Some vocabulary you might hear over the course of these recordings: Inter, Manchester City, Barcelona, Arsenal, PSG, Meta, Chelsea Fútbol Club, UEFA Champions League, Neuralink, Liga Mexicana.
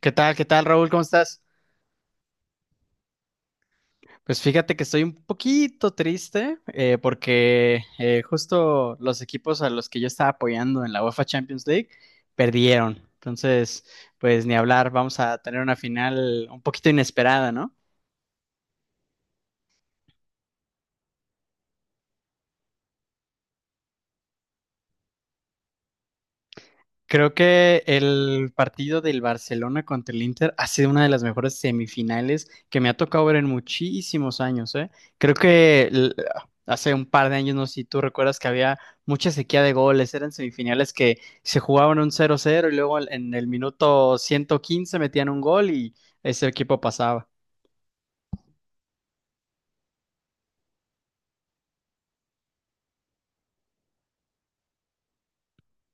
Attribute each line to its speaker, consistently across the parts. Speaker 1: ¿Qué tal? ¿Qué tal, Raúl? ¿Cómo estás? Pues fíjate que estoy un poquito triste porque justo los equipos a los que yo estaba apoyando en la UEFA Champions League perdieron. Entonces, pues ni hablar, vamos a tener una final un poquito inesperada, ¿no? Creo que el partido del Barcelona contra el Inter ha sido una de las mejores semifinales que me ha tocado ver en muchísimos años, ¿eh? Creo que l- Hace un par de años, no sé si tú recuerdas que había mucha sequía de goles, eran semifinales que se jugaban un cero cero y luego en el minuto 115 metían un gol y ese equipo pasaba.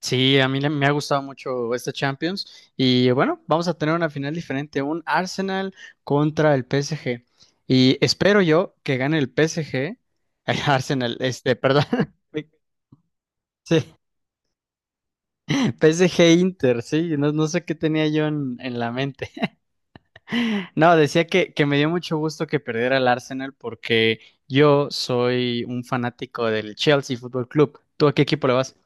Speaker 1: Sí, me ha gustado mucho esta Champions y bueno, vamos a tener una final diferente, un Arsenal contra el PSG y espero yo que gane el PSG, ay, Arsenal, este, perdón, sí, PSG Inter, sí, no, no sé qué tenía yo en la mente. No, decía que me dio mucho gusto que perdiera el Arsenal porque yo soy un fanático del Chelsea Fútbol Club. ¿Tú a qué equipo le vas?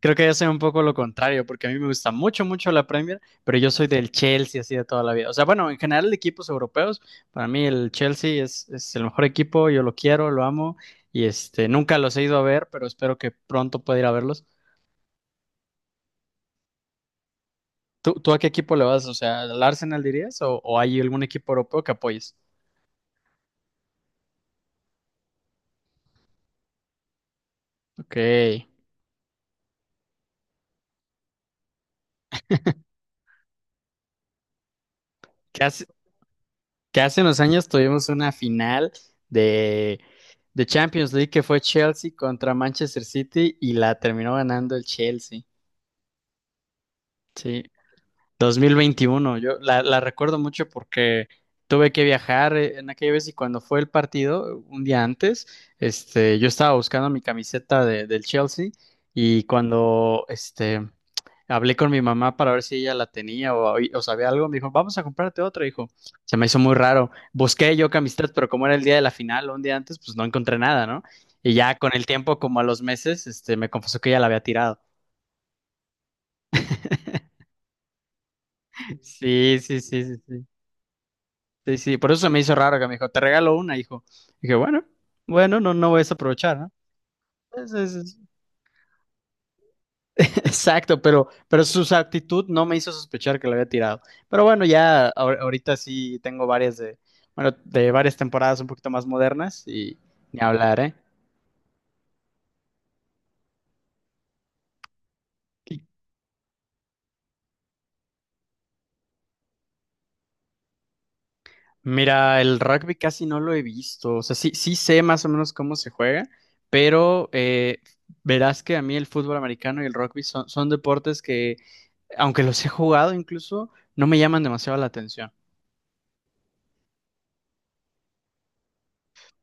Speaker 1: Creo que yo soy un poco lo contrario, porque a mí me gusta mucho, mucho la Premier, pero yo soy del Chelsea así de toda la vida. O sea, bueno, en general de equipos europeos, para mí el Chelsea es el mejor equipo, yo lo quiero, lo amo, y este, nunca los he ido a ver, pero espero que pronto pueda ir a verlos. ¿Tú a qué equipo le vas? O sea, ¿al Arsenal dirías? O hay algún equipo europeo que apoyes? Ok, hace, que hace unos años tuvimos una final de, de Champions League que fue Chelsea contra Manchester City y la terminó ganando el Chelsea. Sí, 2021. Yo la recuerdo mucho porque tuve que viajar en aquella vez y cuando fue el partido, un día antes, este, yo estaba buscando mi camiseta del Chelsea y cuando este, hablé con mi mamá para ver si ella la tenía o sabía algo, me dijo, vamos a comprarte otra, hijo. Se me hizo muy raro. Busqué yo camisetas, pero como era el día de la final o un día antes, pues no encontré nada, ¿no? Y ya con el tiempo, como a los meses, este, me confesó que ella la había tirado. Sí, sí, sí, sí, sí. Sí, sí, por eso se me hizo raro que me dijo, te regalo una, hijo. Dije, bueno, bueno, no, no voy a desaprovechar, ¿no? Es- es- es- Exacto, pero su actitud no me hizo sospechar que lo había tirado. Pero bueno, ya ahorita sí tengo varias de, bueno, de varias temporadas un poquito más modernas y ni hablar, ¿eh? Mira, el rugby casi no lo he visto. O sea, sí, sí sé más o menos cómo se juega, pero verás que a mí el fútbol americano y el rugby son deportes que aunque los he jugado incluso, no me llaman demasiado la atención.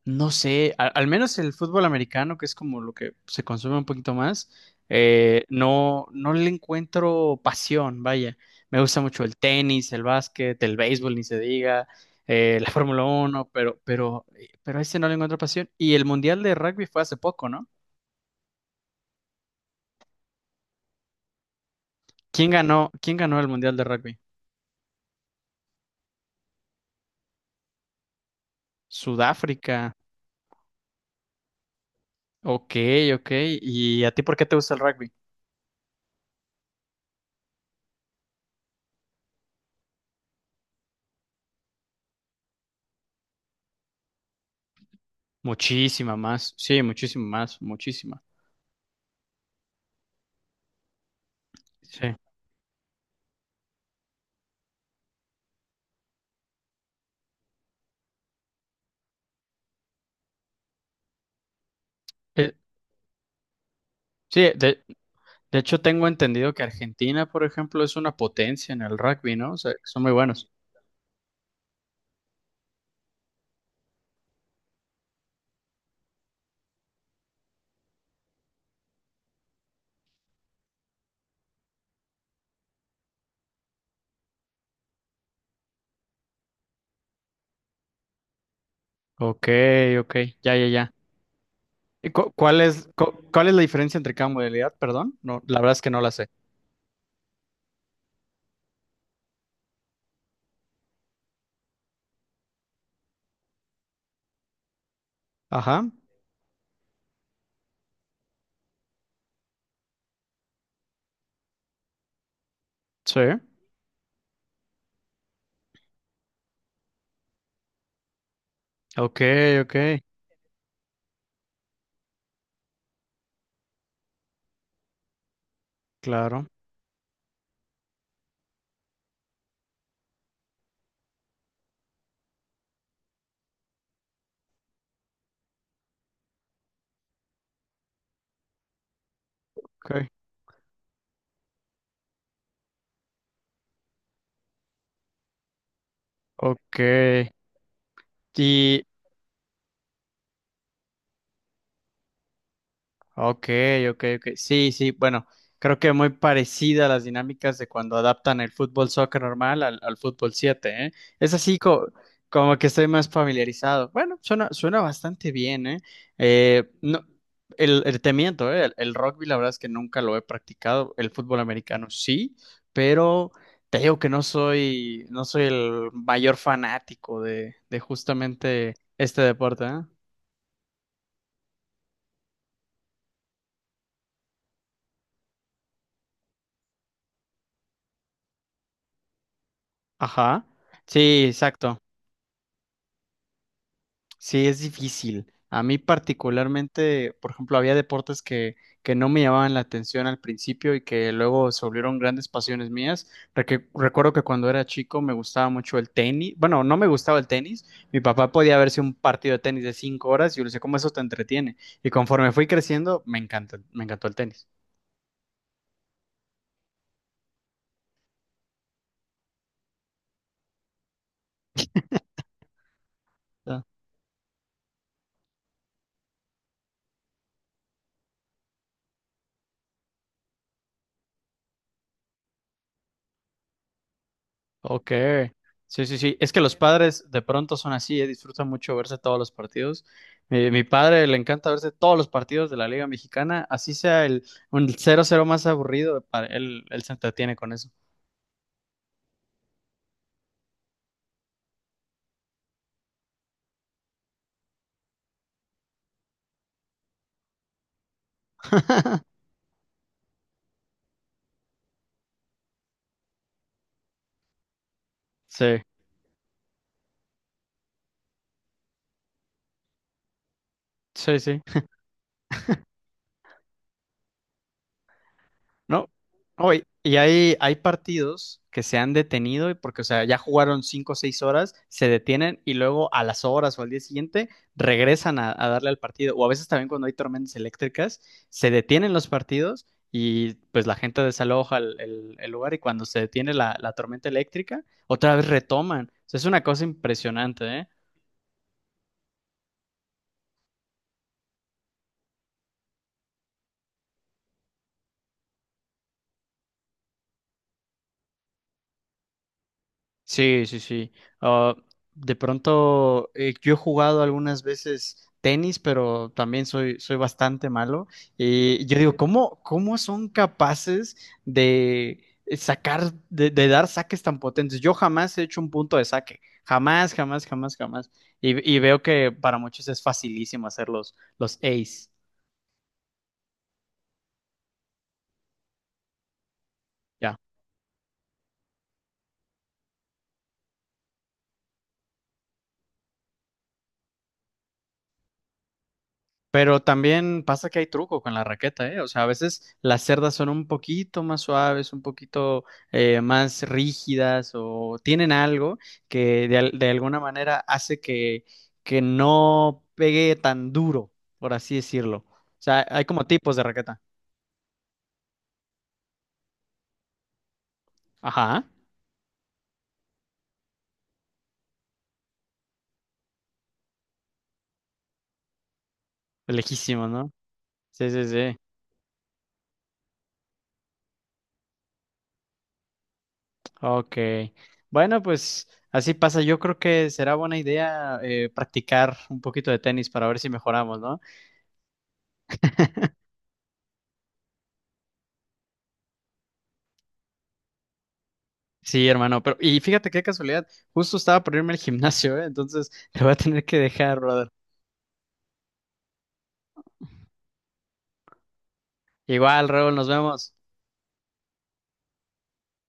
Speaker 1: No sé, menos el fútbol americano, que es como lo que se consume un poquito más, no, no le encuentro pasión, vaya. Me gusta mucho el tenis, el básquet, el béisbol, ni se diga, la Fórmula Uno, pero a ese no le encuentro pasión. ¿Y el Mundial de Rugby fue hace poco, no? Quién ganó el Mundial de Rugby? Sudáfrica. Ok, ok. ¿Y a ti por qué te gusta el rugby? Muchísima más, sí, muchísima más, muchísima. Sí. Eh, sí, de hecho tengo entendido que Argentina, por ejemplo, es una potencia en el rugby, ¿no? O sea, que son muy buenos. Ok, ok, ya, ya, ya. ¿Y cuál es la diferencia entre cada modalidad? Perdón, no, la verdad es que no la sé. Ajá, sí. Ok, ok, claro. Ok, ok. Y, Ok, ok, ok. Sí, sí, bueno, creo que muy parecida a las dinámicas de cuando adaptan el fútbol soccer normal al fútbol 7. ¿Eh? Es así co- Como que estoy más familiarizado. Bueno, suena, suena bastante bien, ¿eh? No, te miento, ¿eh? El rugby la verdad es que nunca lo he practicado, el fútbol americano sí, pero te digo que no soy, no soy el mayor fanático de justamente este deporte, ¿eh? Ajá. Sí, exacto. Sí, es difícil. A mí particularmente, por ejemplo, había deportes que no me llamaban la atención al principio y que luego se volvieron grandes pasiones mías. Recuerdo que cuando era chico me gustaba mucho el tenis. Bueno, no me gustaba el tenis. Mi papá podía verse un partido de tenis de cinco horas y yo le decía, ¿cómo eso te entretiene? Y conforme fui creciendo, me encantó el tenis. Ok, sí, sí, sí. Es que los padres de pronto son así, disfrutan mucho verse todos los partidos. Mi padre le encanta verse todos los partidos de la Liga Mexicana, así sea el un cero cero más aburrido, para él, él se entretiene con eso. Sí, sí, sí. No, hoy, y hay partidos que se han detenido y porque, o sea, ya jugaron cinco o seis horas, se detienen y luego a las horas o al día siguiente regresan a darle al partido. O a veces también cuando hay tormentas eléctricas, se detienen los partidos y pues la gente desaloja el lugar y cuando se detiene la tormenta eléctrica, otra vez retoman. O sea, es una cosa impresionante, ¿eh? Sí, sí, sí. Ah, de pronto, yo he jugado algunas veces tenis, pero también soy, soy bastante malo. Y yo digo, ¿cómo, cómo son capaces de sacar, de dar saques tan potentes? Yo jamás he hecho un punto de saque. Jamás, jamás, jamás, jamás. Y veo que para muchos es facilísimo hacer los ace. Pero también pasa que hay truco con la raqueta, ¿eh? O sea, a veces las cerdas son un poquito más suaves, un poquito más rígidas o tienen algo que de, de alguna manera hace que no pegue tan duro, por así decirlo. O sea, hay como tipos de raqueta. Ajá, lejísimo, ¿no? Sí, sí, sí. Ok. Bueno, pues así pasa. Yo creo que será buena idea practicar un poquito de tenis para ver si mejoramos, ¿no? Sí, hermano, pero y fíjate qué casualidad, justo estaba por irme al gimnasio, ¿eh? Entonces te voy a tener que dejar, brother. Igual, Raúl, nos vemos.